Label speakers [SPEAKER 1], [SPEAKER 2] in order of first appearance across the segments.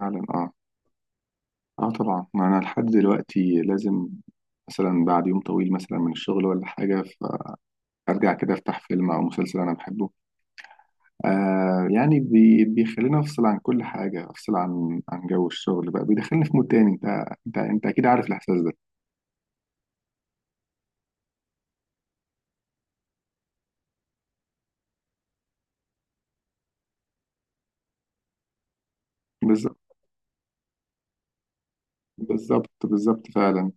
[SPEAKER 1] فعلا اه. اه طبعا، ما انا لحد دلوقتي لازم، مثلا بعد يوم طويل مثلا من الشغل ولا حاجه، فارجع كده افتح فيلم او مسلسل انا بحبه. آه يعني بيخليني افصل عن كل حاجه، افصل عن جو الشغل، بقى بيدخلني في مود تاني. انت اكيد عارف الاحساس ده. بالظبط بالظبط بالظبط فعلا.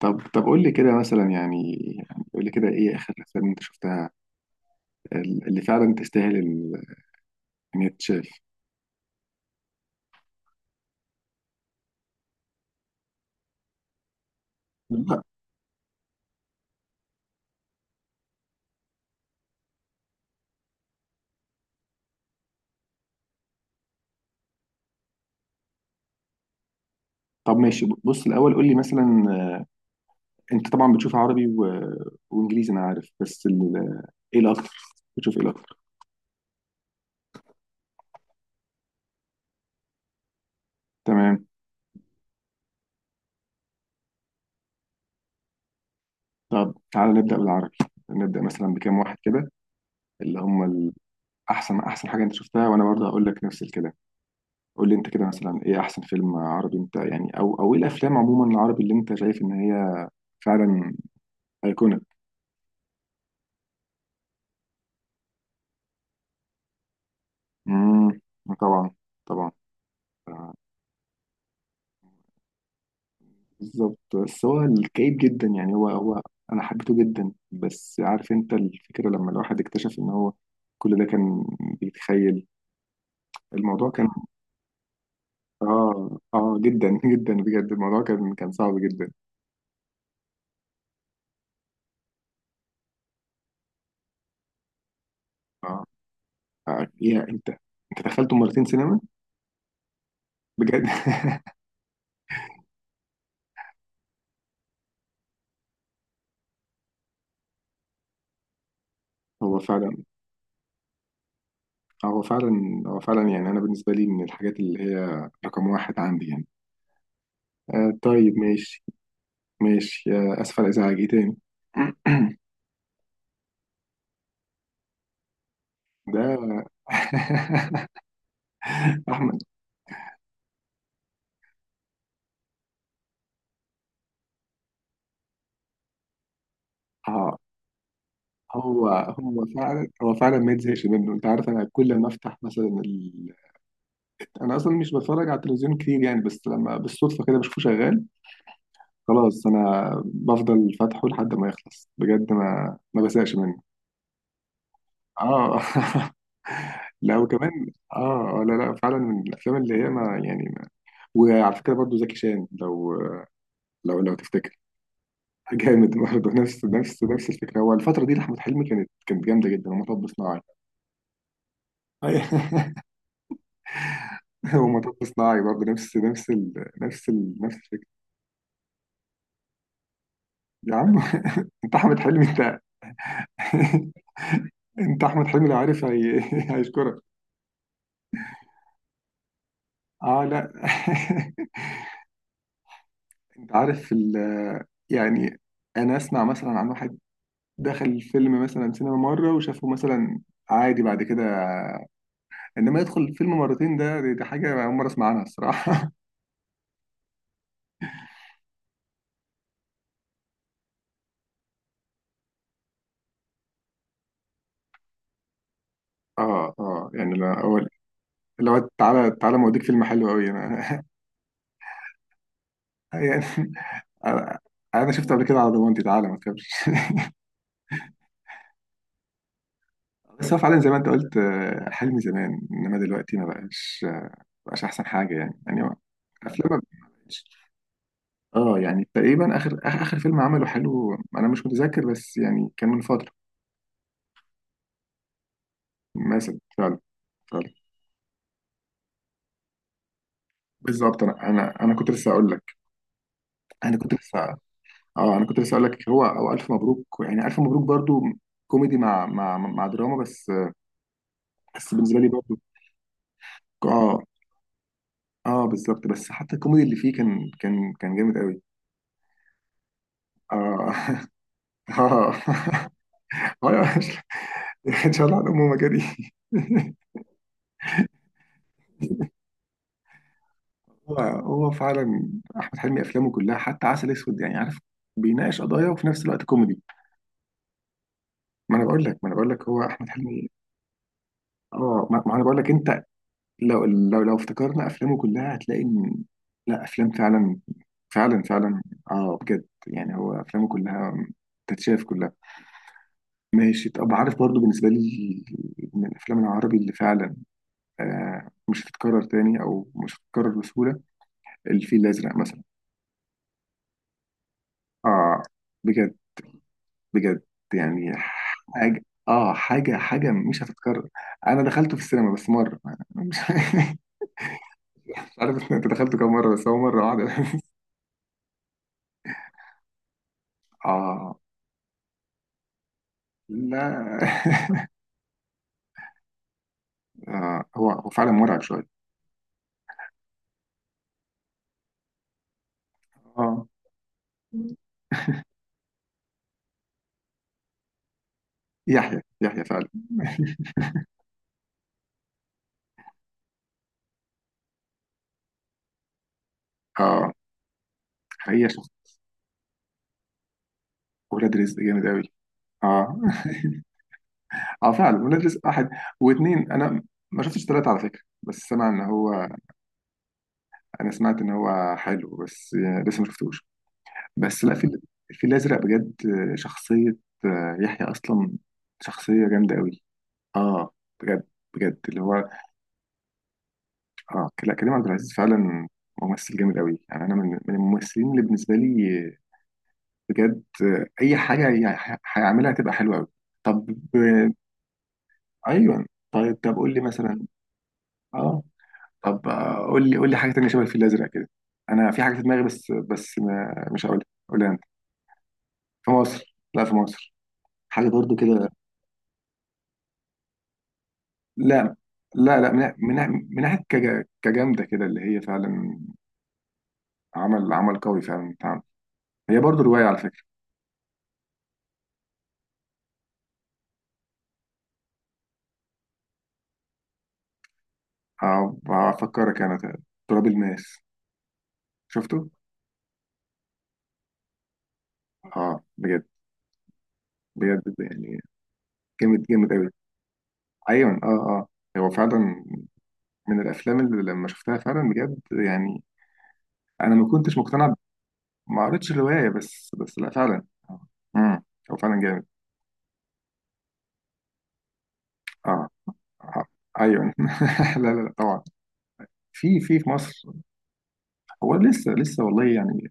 [SPEAKER 1] طب قول لي كده مثلا، يعني قول لي كده ايه اخر الافلام انت شفتها، اللي فعلا تستاهل ان هي تتشاف. لا. طب ماشي، بص الاول قول لي مثلا، انت طبعا بتشوف عربي وانجليزي انا عارف، بس ايه الاكتر بتشوف ايه الاكتر؟ تمام. طب تعالى نبدا بالعربي، نبدا مثلا بكام واحد كده، اللي هم. احسن حاجه انت شفتها، وانا برضه هقول لك نفس الكلام. قول لي انت كده مثلا ايه احسن فيلم عربي انت يعني، او ايه الافلام عموما العربي اللي انت شايف ان هي فعلا ايقونه. امم طبعا طبعا. آه، بالظبط. بس هو الكئيب جدا، يعني هو، انا حبيته جدا، بس عارف انت الفكره لما الواحد اكتشف ان هو كل ده كان بيتخيل، الموضوع كان، اه اه جدا جدا بجد. الموضوع كان صعب جدا. اه. آه، ايه؟ انت دخلته مرتين سينما؟ بجد؟ هو فعلا، هو فعلا، هو فعلا يعني انا بالنسبه لي من الحاجات اللي هي رقم واحد عندي يعني. آه طيب ماشي. ماشي، آه اسف على الازعاج، ايه تاني؟ ده احمد. اه، هو هو فعلا، هو فعلا ما يتزهقش منه، انت عارف انا كل ما افتح مثلا انا اصلا مش بتفرج على التلفزيون كتير يعني، بس لما بالصدفه كده بشوفه شغال، خلاص انا بفضل فاتحه لحد ما يخلص بجد، ما بزهقش منه. اه لا وكمان اه، آه، لا لا، فعلا من الافلام اللي هي ما يعني ما... وعلى فكره برضه زكي شان، لو تفتكر. جامد برضه، نفس الفكره. هو الفتره دي لاحمد حلمي كانت جامده جدا. ومطب صناعي ومطب صناعي برضه، نفس الفكرة. يا عم انت احمد حلمي انت. انت احمد حلمي لو عارف هيشكرك. اه لا انت عارف يعني انا اسمع مثلا عن واحد دخل الفيلم مثلا سينما مره وشافه مثلا عادي بعد كده، انما يدخل الفيلم مرتين ده، دي حاجه اول مره اسمع عنها الصراحه. اه اه يعني، لا اول لو تعالى تعالى ما اوديك فيلم حلو قوي يعني انا شفته قبل كده على ضمانتي تعالى ما تكبرش بس هو فعلا زي ما انت قلت آه، حلمي زمان انما دلوقتي ما بقاش، آه، ما بقاش احسن حاجه، يعني هو افلام ما بقاش. اه يعني تقريبا اخر اخر آخر فيلم عمله حلو انا مش متذكر، بس يعني كان من فتره. مثلا فعلا، فعلا بالظبط. انا كنت لسه اقول لك، انا كنت لسه، اه انا كنت لسه اقول لك، هو او الف مبروك، يعني الف مبروك برضو كوميدي مع دراما، بس بالنسبه لي برضو. اه اه بالظبط. بس حتى الكوميدي اللي فيه كان جامد قوي. اه اه اه، أشلي. ان شاء الله على امه مجدي هو فعلا، احمد حلمي افلامه كلها حتى عسل اسود، يعني عارف بيناقش قضايا وفي نفس الوقت كوميدي. ما انا بقول لك، ما انا بقول لك هو احمد حلمي. اه ما انا بقول لك انت، لو افتكرنا افلامه كلها هتلاقي ان، لا افلام فعلا، فعلا فعلا. اه بجد يعني هو افلامه كلها تتشاف كلها. ماشي، طب عارف برضو بالنسبة لي من الأفلام العربي اللي فعلا آه مش هتتكرر تاني، أو مش هتتكرر بسهولة، الفيل الأزرق مثلا. آه بجد، بجد يعني، حاجة آه، حاجة مش هتتكرر. أنا دخلته في السينما بس مرة، مش مش عارف أنت دخلته كام مرة، بس هو مرة واحدة آه لا آه هو فعلا مرعب شوية. آه، يحيى فعلا آه هي شخص. ولاد رزق جامد أوي، آه اه فعلا ولاد واحد واثنين، انا ما شفتش ثلاثة على فكرة، بس سمع ان هو، انا سمعت ان هو حلو بس لسه ما شفتوش. بس لا، في الفيل الازرق بجد، شخصية آه، يحيى اصلا شخصية جامدة قوي. اه بجد، بجد اللي هو، اه لا كريم عبد العزيز فعلا ممثل جامد قوي يعني، انا من الممثلين اللي بالنسبة لي بجد، آه، اي حاجة يعني هيعملها تبقى حلوة قوي. طب آه، ايوه طيب، قول لي مثلا، اه طب آه، قول لي حاجه تانية شبه الفيل الازرق كده. انا في حاجه في دماغي، بس ما مش هقولها، قولها انت. في مصر، لا في مصر، حاجة برضو كده. لا لا لا، من ناحيه كجامده كده، اللي هي فعلا، عمل قوي فعلا اتعمل، هي برضو روايه على فكره. آه، هفكرك انا، تراب الماس شفته؟ اه بجد، بجد يعني، جامد جامد قوي. ايوه اه اه، هو فعلا من الافلام اللي لما شفتها فعلا بجد يعني، انا ما كنتش مقتنع، ما قريتش الرواية، بس لا فعلا. امم، هو فعلا جامد. اه، آه، ايوه لا لا لا طبعا، في مصر هو لسه والله يعني،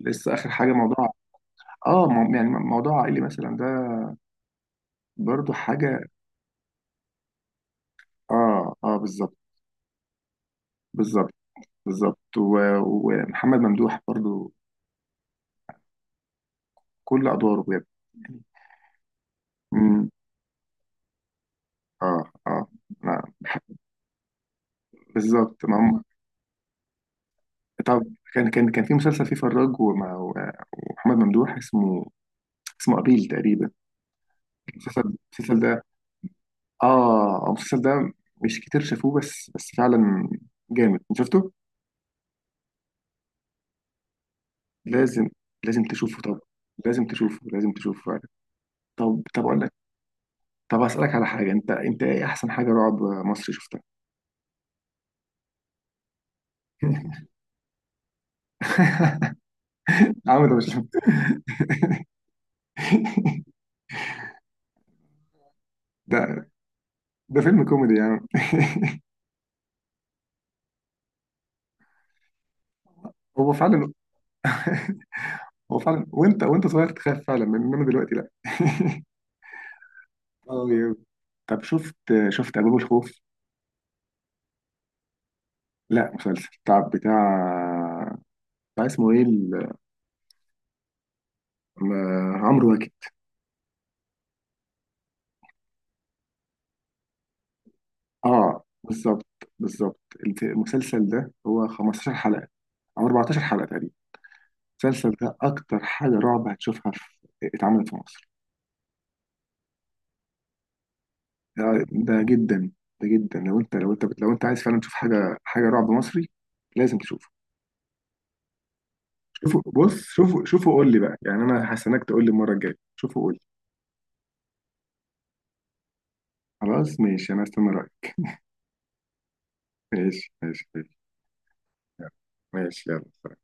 [SPEAKER 1] لسه اخر حاجه، موضوع اه، يعني موضوع عائلي مثلا ده، برضو حاجه. اه اه بالظبط بالظبط بالظبط. ومحمد ممدوح برضو كل ادواره بجد يعني. امم. اه اه ما بح- بالظبط، ما هم. طب كان في مسلسل فيه فراج ومحمد ممدوح، اسمه قابيل تقريبا، المسلسل المسلسل ده، اه المسلسل ده مش كتير شافوه، بس فعلا جامد. انت شفته؟ لازم لازم تشوفه، طب، لازم تشوفه، لازم تشوفه فعلا. طب اقول لك، طب اسالك على حاجه، انت ايه احسن حاجه رعب مصري شفتها؟ عامل ده مش ده ده فيلم كوميدي يا عم هو فعلا، هو فعلا، وانت صغير تخاف فعلا، انما دلوقتي لا اه طب شفت، ابواب الخوف، لا مسلسل بتاع بتاع اسمه ايه عمرو واكد. اه بالظبط بالظبط. المسلسل ده هو 15 حلقة او 14 حلقة تقريبا، المسلسل ده اكتر حاجة رعب هتشوفها، في اتعملت في مصر. آه، ده جدا، ده جدا لو انت، لو انت عايز فعلا تشوف حاجة، رعب مصري لازم تشوفه. شوفه، بص شوفه شوفه قول لي بقى، يعني انا هستناك تقول لي المرة الجاية، شوفه قول لي. خلاص ماشي، انا هستنى رأيك. ماشي ماشي ماشي. يلا. ماشي يلا.